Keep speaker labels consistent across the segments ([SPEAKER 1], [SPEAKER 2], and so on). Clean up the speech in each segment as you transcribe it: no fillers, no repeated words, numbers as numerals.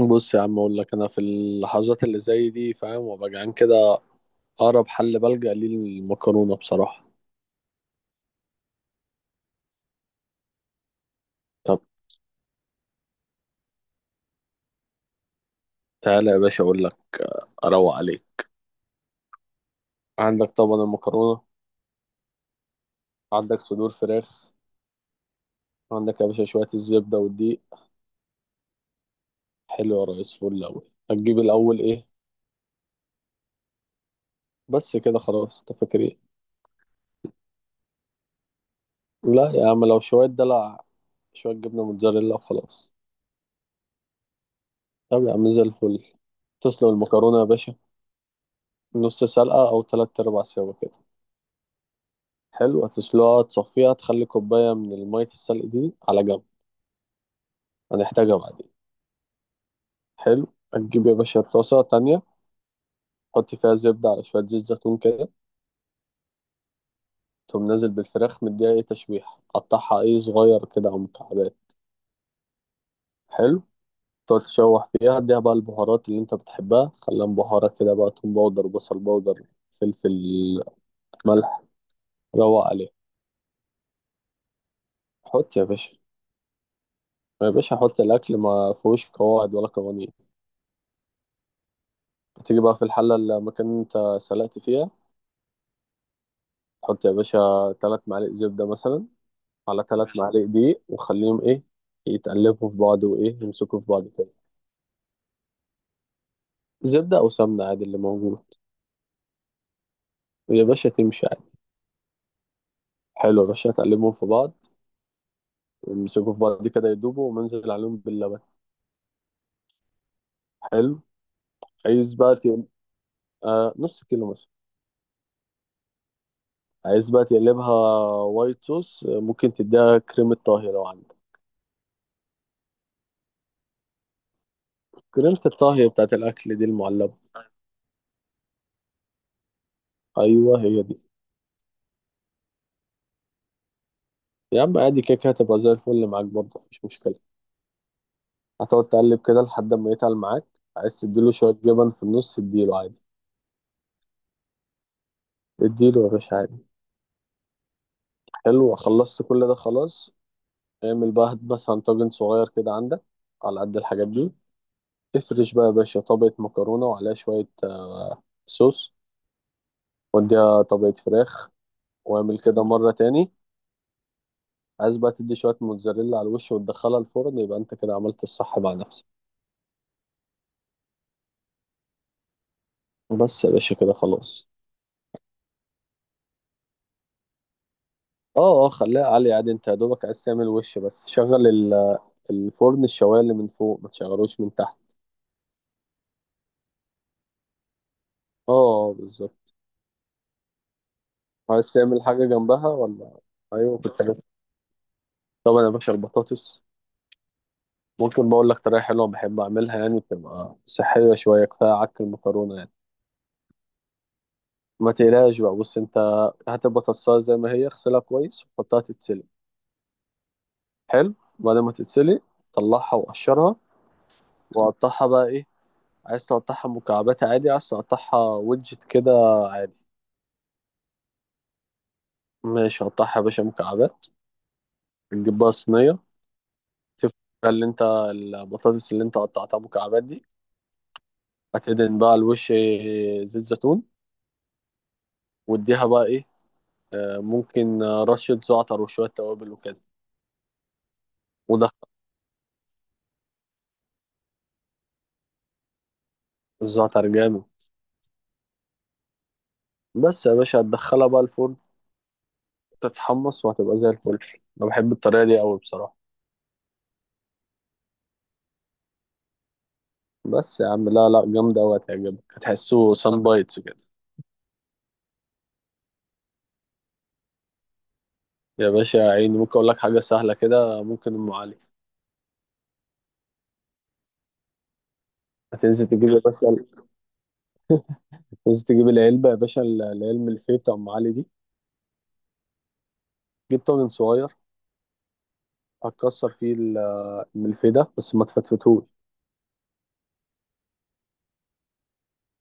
[SPEAKER 1] بص يا عم اقول لك انا في اللحظات اللي زي دي فاهم وابقى جعان كده. اقرب حل بلجأ ليه المكرونه بصراحه. طب تعالى يا باشا اقول لك اروق عليك. عندك طبعا المكرونه، عندك صدور فراخ، عندك يا باشا شويه الزبده والدقيق. حلو يا ريس فل. الاول هتجيب الاول ايه؟ بس كده خلاص، انت فاكر ايه؟ لا يا عم لو شويه دلع شويه جبنه موتزاريلا وخلاص. طب يا عم زي الفل. تسلق المكرونه يا باشا نص سلقه او تلات ارباع سوا كده. حلو، هتسلقها تصفيها تخلي كوباية من المية السلق دي على جنب، هنحتاجها بعدين. حلو. هتجيب يا باشا طاسة تانية، حط فيها زبدة على شوية زيت زيتون كده. تقوم نازل بالفراخ مديها ايه تشويح، قطعها ايه صغير كده أو مكعبات. حلو. تقعد تشوح فيها، اديها بقى البهارات اللي انت بتحبها، خليها مبهرة كده بقى، توم باودر بصل باودر فلفل ملح. روق عليها. حط يا باشا. يا باشا حط الأكل، ما فيهوش قواعد ولا قوانين. هتيجي بقى في الحلة اللي المكان اللي انت سلقت فيها، حط يا باشا ثلاث معالق زبدة مثلا على ثلاث معالق دقيق، وخليهم ايه يتقلبوا في بعض وايه يمسكوا في بعض كده. زبدة او سمنة عادي اللي موجود، ويا باشا تمشي عادي. حلو يا باشا تقلبهم في بعض، يمسكوا في بعض كده يدوبوا ومنزل عليهم باللبن. حلو. عايز بقى آه نص كيلو مثلا. عايز بقى تقلبها وايت صوص، ممكن تديها كريمة طهي لو عندك. كريمة الطهي بتاعت الأكل دي المعلبة، أيوه هي دي. يا عم عادي كده كده، هتبقى زي الفل معاك برضه مفيش مشكلة. هتقعد تقلب كده لحد ما يتقل معاك. عايز تديله شوية جبن في النص اديله عادي، اديله يا باشا عادي. حلو خلصت كل ده خلاص. اعمل بقى، هات مثلا طاجن صغير كده عندك على قد الحاجات دي. افرش بقى يا باشا طبقة مكرونة وعليها شوية صوص، واديها طبقة فراخ. واعمل كده مرة تاني. عايز بقى تدي شوية موتزاريلا على الوش وتدخلها الفرن، يبقى انت كده عملت الصح مع نفسك. بس يا باشا كده خلاص. اه اه، خليها عالية عادي، انت يا دوبك عايز تعمل وش بس شغل. الفرن الشوايه اللي من فوق، ما تشغلوش من تحت. اه بالظبط. عايز تعمل حاجه جنبها ولا؟ ايوه كنت عارف. طبعا يا باشا البطاطس، ممكن بقول لك طريقه حلوه بحب اعملها، يعني بتبقى صحيه شويه كفايه عك المكرونه يعني. ما تقلقش بقى، بص انت، هات البطاطسايه زي ما هي اغسلها كويس وحطها تتسلق. حلو، بعد ما تتسلق طلعها وقشرها، وقطعها بقى ايه، عايز تقطعها مكعبات عادي، عايز تقطعها ويدجت كده عادي. ماشي قطعها يا باشا مكعبات. تجيب بقى صينيه، تفرق اللي انت البطاطس اللي انت قطعتها مكعبات دي، هتدهن بقى الوش زيت زيتون، واديها بقى ايه، ممكن رشة زعتر وشوية توابل وكده. ودخل. الزعتر جامد. بس يا باشا هتدخلها بقى الفرن تتحمص وهتبقى زي الفل. انا بحب الطريقة دي قوي بصراحة. بس يا عم، لا لا جامدة قوي هتعجبك، هتحسه سان بايتس كده. يا باشا يا عيني ممكن اقول لك حاجة سهلة كده، ممكن ام علي. هتنزل تجيب يا باشا، هتنزل تجيب العلبة يا باشا، العلبة اللي فيه بتاع ام علي دي. جيب طاجن صغير. هتكسر فيه الملفيه بس ما تفتفتهوش.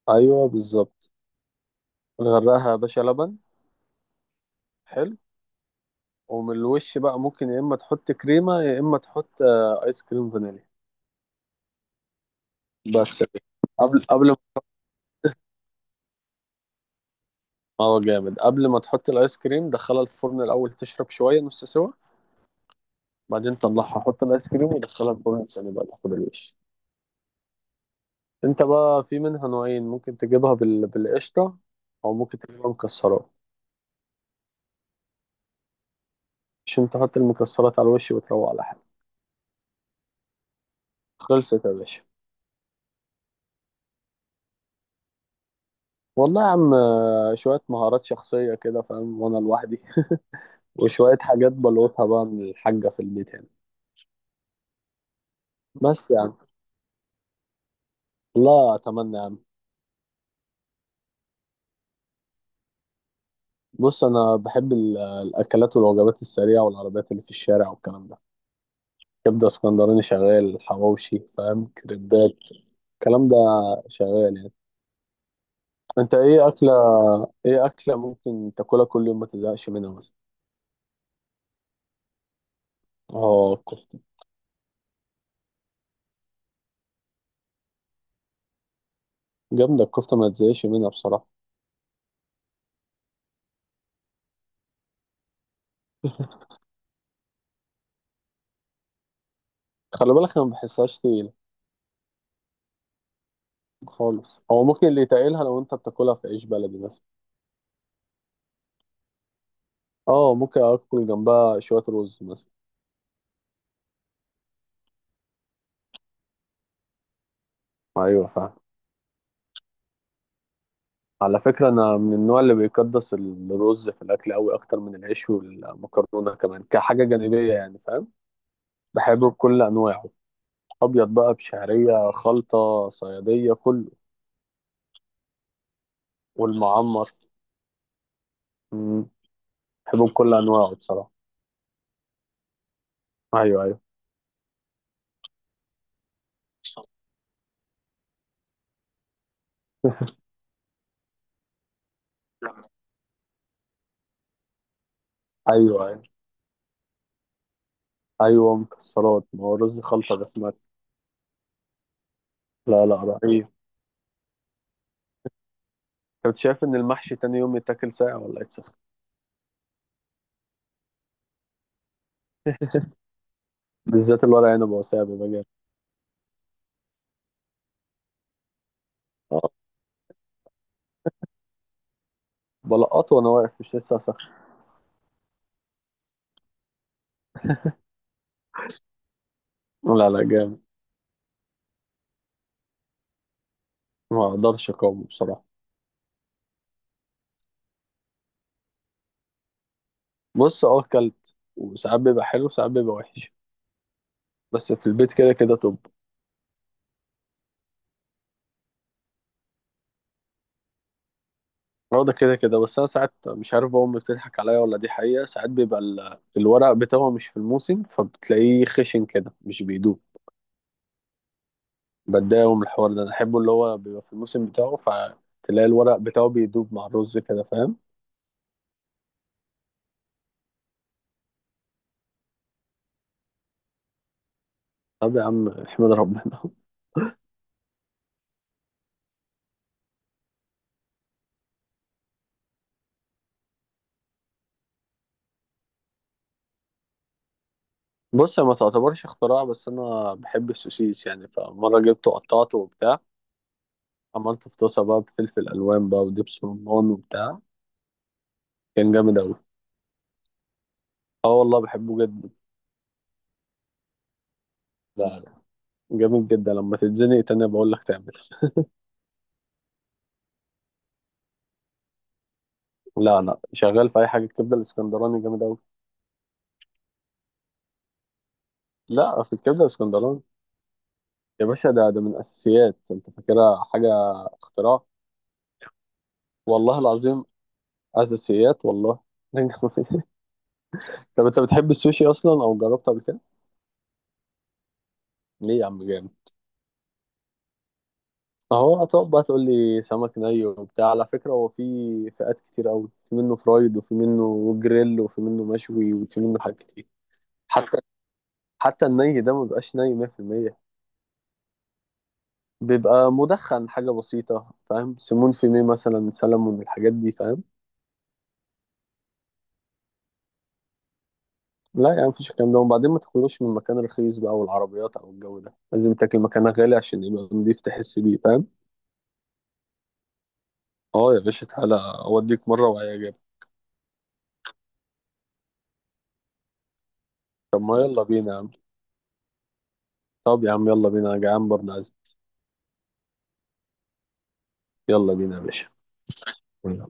[SPEAKER 1] ايوه بالظبط. نغرقها يا باشا لبن. حلو. ومن الوش بقى ممكن يا اما تحط كريمه يا اما تحط ايس كريم فانيليا. بس يا باشا. قبل ما هو جامد، قبل ما تحط الايس كريم دخلها الفرن الاول تشرب شويه نص سوا، بعدين طلعها حط الايس كريم ودخلها الفرن تاني بقى تاخد الوش. انت بقى في منها نوعين، ممكن تجيبها بالقشطه او ممكن تجيبها مكسرات، عشان تحط المكسرات على الوش وتروق على حالك. خلصت يا باشا. والله يا عم، شوية مهارات شخصية كده فاهم، وأنا لوحدي وشوية حاجات بلوتها بقى من الحاجة في البيت يعني. بس يعني. لا أتمنى يعني. بص أنا بحب الأكلات والوجبات السريعة والعربيات اللي في الشارع والكلام ده. كبدة اسكندراني شغال، حواوشي فاهم، كريبات، الكلام ده شغال يعني. أنت إيه أكلة، إيه أكلة ممكن تاكلها كل يوم ما تزهقش منها مثلا؟ آه الكفتة. جامدة الكفتة ما تزهقش منها بصراحة. خلي بالك أنا ما بحسهاش تقيلة، خالص. هو ممكن اللي يتقلها لو انت بتاكلها في عيش بلدي مثلا. اه ممكن اكل جنبها شويه رز مثلا. ايوه فاهم. على فكره انا من النوع اللي بيقدس الرز في الاكل قوي، اكتر من العيش والمكرونه كمان كحاجه جانبيه يعني فاهم. بحبه بكل انواعه. ابيض بقى، بشعريه، خلطه، صياديه، كله. والمعمر. مم. بحبه بكل انواعه بصراحه. ايوه ايوه. ايوه ايوه ايوه مكسرات، ما هو رز خلطه ده اسمها. لا لا رهيب. كنت شايف ان المحشي تاني يوم يتاكل ساقع ولا يتسخن؟ بالذات الورق عنب، هو ساقع بيبقى جامد. اه. بلقطه وانا واقف مش لسه اسخن. لا لا جامد. ما اقدرش اقاومه بصراحه. بص اه اكلت، وساعات بيبقى حلو وساعات بيبقى وحش. بس في البيت كده كده طب. اه ده كده كده، بس انا ساعات مش عارف امي بتضحك عليا ولا دي حقيقه، ساعات بيبقى الورق بتاعه مش في الموسم فبتلاقيه خشن كده مش بيدوب. بتضايق من الحوار ده، انا احبه اللي هو بيبقى في الموسم بتاعه فتلاقي الورق بتاعه بيدوب مع الرز كده فاهم. طب يا عم احمد ربنا. بص هي ما تعتبرش اختراع، بس انا بحب السوسيس يعني، فمره جبته قطعته وبتاع، عملته في طاسه بقى بفلفل الوان بقى ودبس رمان وبتاع، كان جامد اوي. اه والله بحبه جدا. لا لا، جامد جدا، لما تتزنق تاني بقول لك تعمل. لا لا شغال في اي حاجه، الكبده الاسكندراني جامد اوي. لا في الكبده الاسكندراني. يا باشا ده من اساسيات، انت فاكرها حاجه اختراع؟ والله العظيم اساسيات والله. طب انت بتحب السوشي اصلا او جربته قبل كده؟ ليه يا عم جامد. اهو هتقعد بقى تقول لي سمك ني وبتاع، على فكرة هو في فئات كتير قوي، في منه فرايد وفي منه جريل وفي منه مشوي وفي منه حاجات كتير. حتى حتى الني ده ما بيبقاش ني 100%. بيبقى مدخن حاجة بسيطة فاهم، سمون في ميه مثلا، سلمون الحاجات دي فاهم. لا يعني مفيش الكلام ده، وبعدين ما تاكلوش من مكان رخيص بقى، والعربيات او الجو ده لازم تاكل مكان غالي عشان يبقى نضيف تحس بيه فاهم. اه يا باشا تعالى اوديك مرة وهيعجبك. طب ما يلا بينا يا عم. طب يا عم يلا بينا انا جعان برضه عايز. يلا بينا يا باشا. يلا.